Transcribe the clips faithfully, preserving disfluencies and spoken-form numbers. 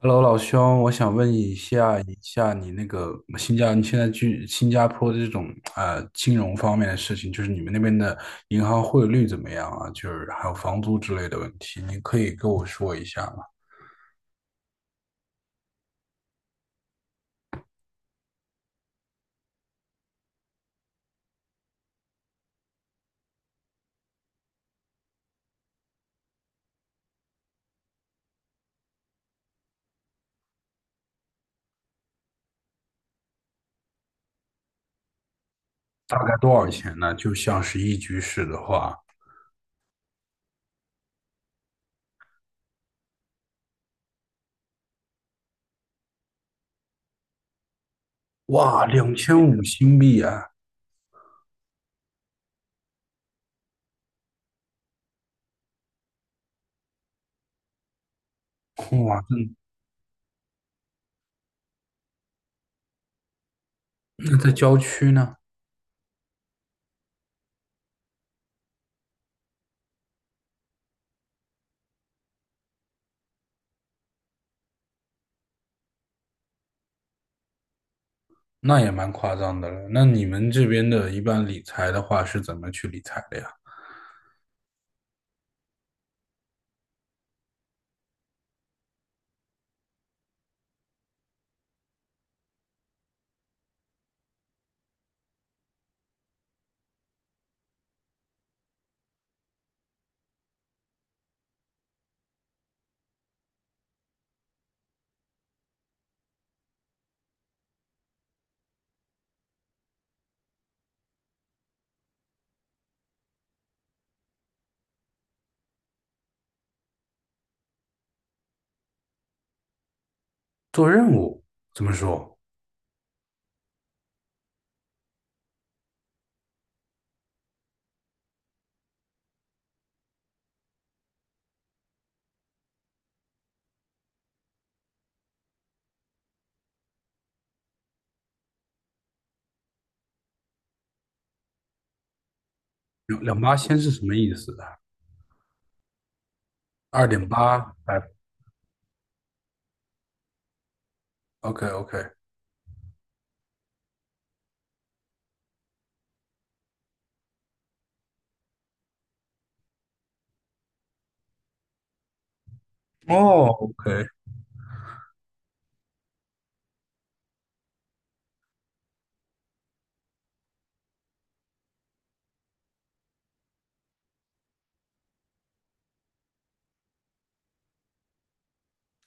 Hello，老兄，我想问一下一下你那个新加，你现在去新加坡的这种呃金融方面的事情，就是你们那边的银行汇率怎么样啊？就是还有房租之类的问题，你可以跟我说一下吗？大概多少钱呢？就像是一居室的话。哇，两千五新币啊！哇，那在郊区呢？那也蛮夸张的了。那你们这边的一般理财的话是怎么去理财的呀？做任务怎么说？两两八千是什么意思啊？二点八？哎，OK， OK。哦，OK。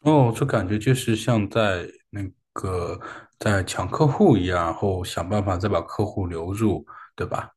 哦，这感觉就是像在那个在抢客户一样，然后想办法再把客户留住，对吧？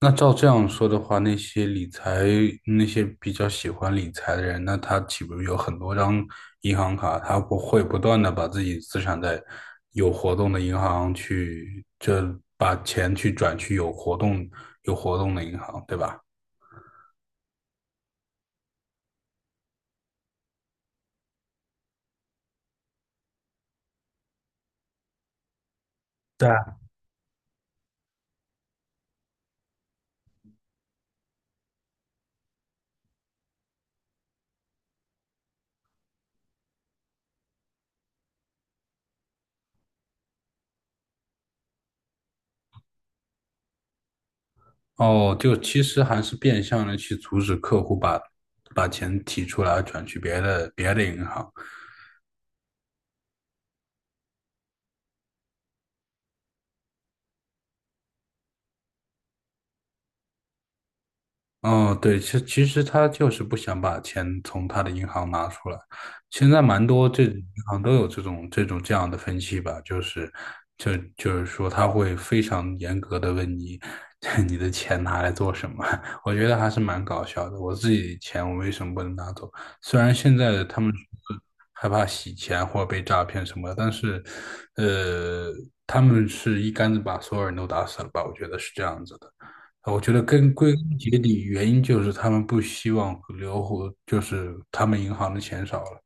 那照这样说的话，那些理财那些比较喜欢理财的人，那他岂不是有很多张银行卡？他不会不断的把自己资产在有活动的银行去，就把钱去转去有活动有活动的银行，对吧？哦，就其实还是变相的去阻止客户把把钱提出来转去别的别的银行。哦，对，其其实他就是不想把钱从他的银行拿出来。现在蛮多这种银行都有这种这种这样的分析吧，就是就就是说他会非常严格的问你 你的钱拿来做什么。我觉得还是蛮搞笑的。我自己的钱我为什么不能拿走？虽然现在的他们说害怕洗钱或者被诈骗什么的，但是呃，他们是一竿子把所有人都打死了吧？我觉得是这样子的。呃我觉得根归根结底原因就是他们不希望留活，就是他们银行的钱少了。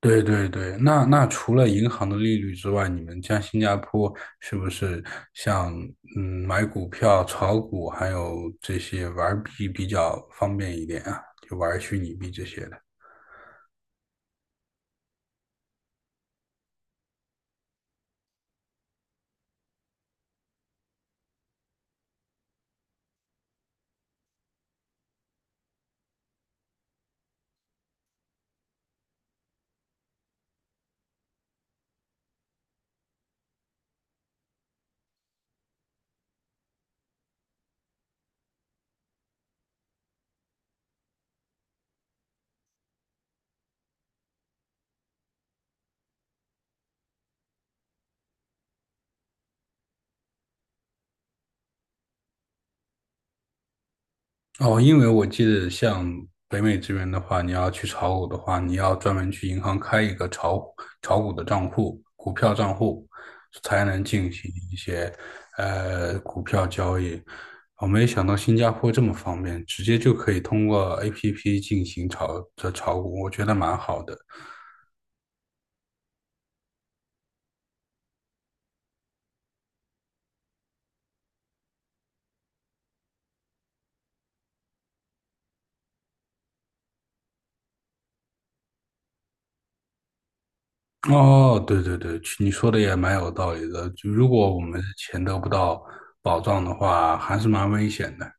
对对对。那那除了银行的利率之外，你们像新加坡是不是像嗯买股票、炒股，还有这些玩币比较方便一点啊？就玩虚拟币这些的。哦，因为我记得像北美这边的话，你要去炒股的话，你要专门去银行开一个炒炒股的账户、股票账户，才能进行一些呃股票交易。我没想到新加坡这么方便，直接就可以通过 A P P 进行炒这炒股，我觉得蛮好的。哦，对对对，你说的也蛮有道理的。就如果我们的钱得不到保障的话，还是蛮危险的。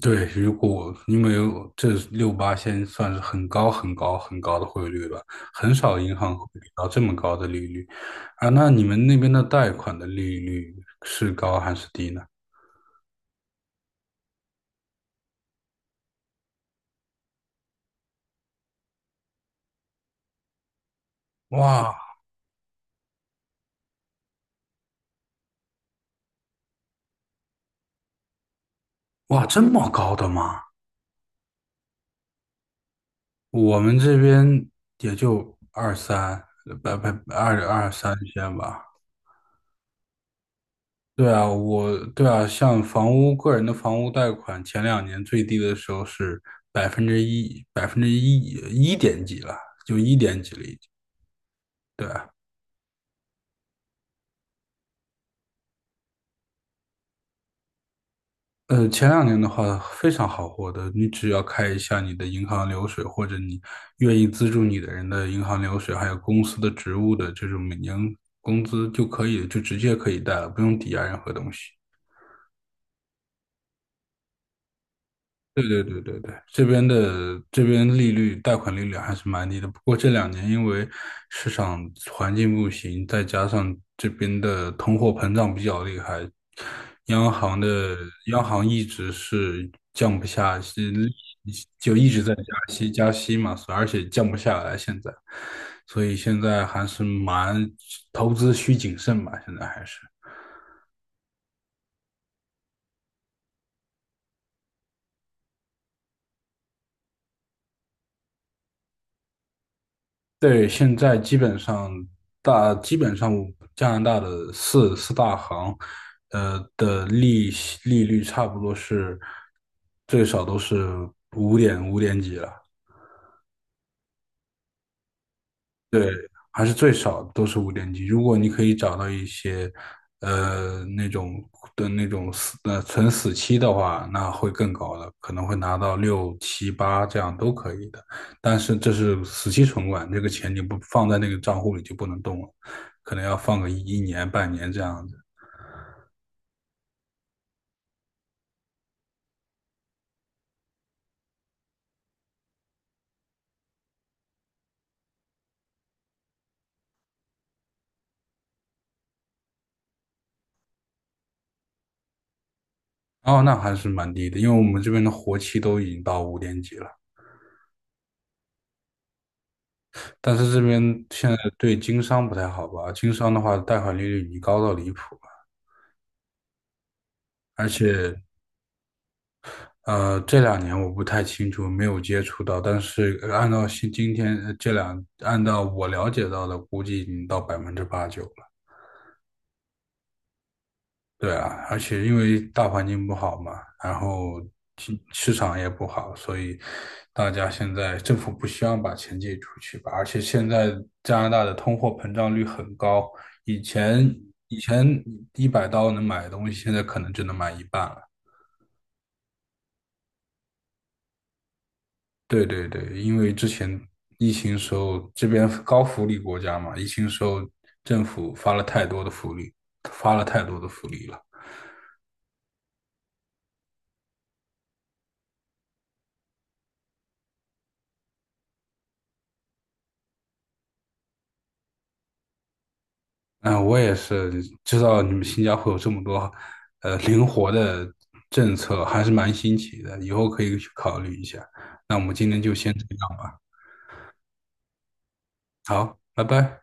对，如果因为这六八现在算是很高很高很高的汇率了，很少银行会给到这么高的利率啊。那你们那边的贷款的利率是高还是低呢？哇。哇，这么高的吗？我们这边也就二三，百百二二三线吧。对啊。我对啊，像房屋个人的房屋贷款，前两年最低的时候是百分之一，百分之一一点几了，就一点几了已经。对啊。呃，前两年的话非常好获得，你只要开一下你的银行流水，或者你愿意资助你的人的银行流水，还有公司的职务的这种每年工资就可以，就直接可以贷了，不用抵押任何东西。对对对对对，这边的这边利率贷款利率还是蛮低的，不过这两年因为市场环境不行，再加上这边的通货膨胀比较厉害，央行的央行一直是降不下息，就一直在加息加息嘛，而且降不下来现在，所以现在还是蛮投资需谨慎吧，现在还是。对，现在基本上大基本上加拿大的四四大行，呃的利息利率差不多是最少都是五点五点几了。对，还是最少都是五点几。如果你可以找到一些，呃，那种的那种死呃存死期的话，那会更高的，可能会拿到六七八这样都可以的。但是这是死期存款，这个钱你不放在那个账户里就不能动了，可能要放个一一年半年这样子。哦，那还是蛮低的，因为我们这边的活期都已经到五点几了。但是这边现在对经商不太好吧？经商的话，贷款利率已经高到离谱了，而且呃，这两年我不太清楚，没有接触到。但是呃按照现今天呃这两，按照我了解到的，估计已经到百分之八九了。对啊，而且因为大环境不好嘛，然后市市场也不好，所以大家现在政府不希望把钱借出去吧。而且现在加拿大的通货膨胀率很高，以前以前一百刀能买的东西，现在可能只能买一半了。对对对，因为之前疫情时候，这边高福利国家嘛，疫情时候政府发了太多的福利，发了太多的福利了。嗯，我也是知道你们新加坡有这么多呃灵活的政策，还是蛮新奇的，以后可以去考虑一下。那我们今天就先这样吧。好，拜拜。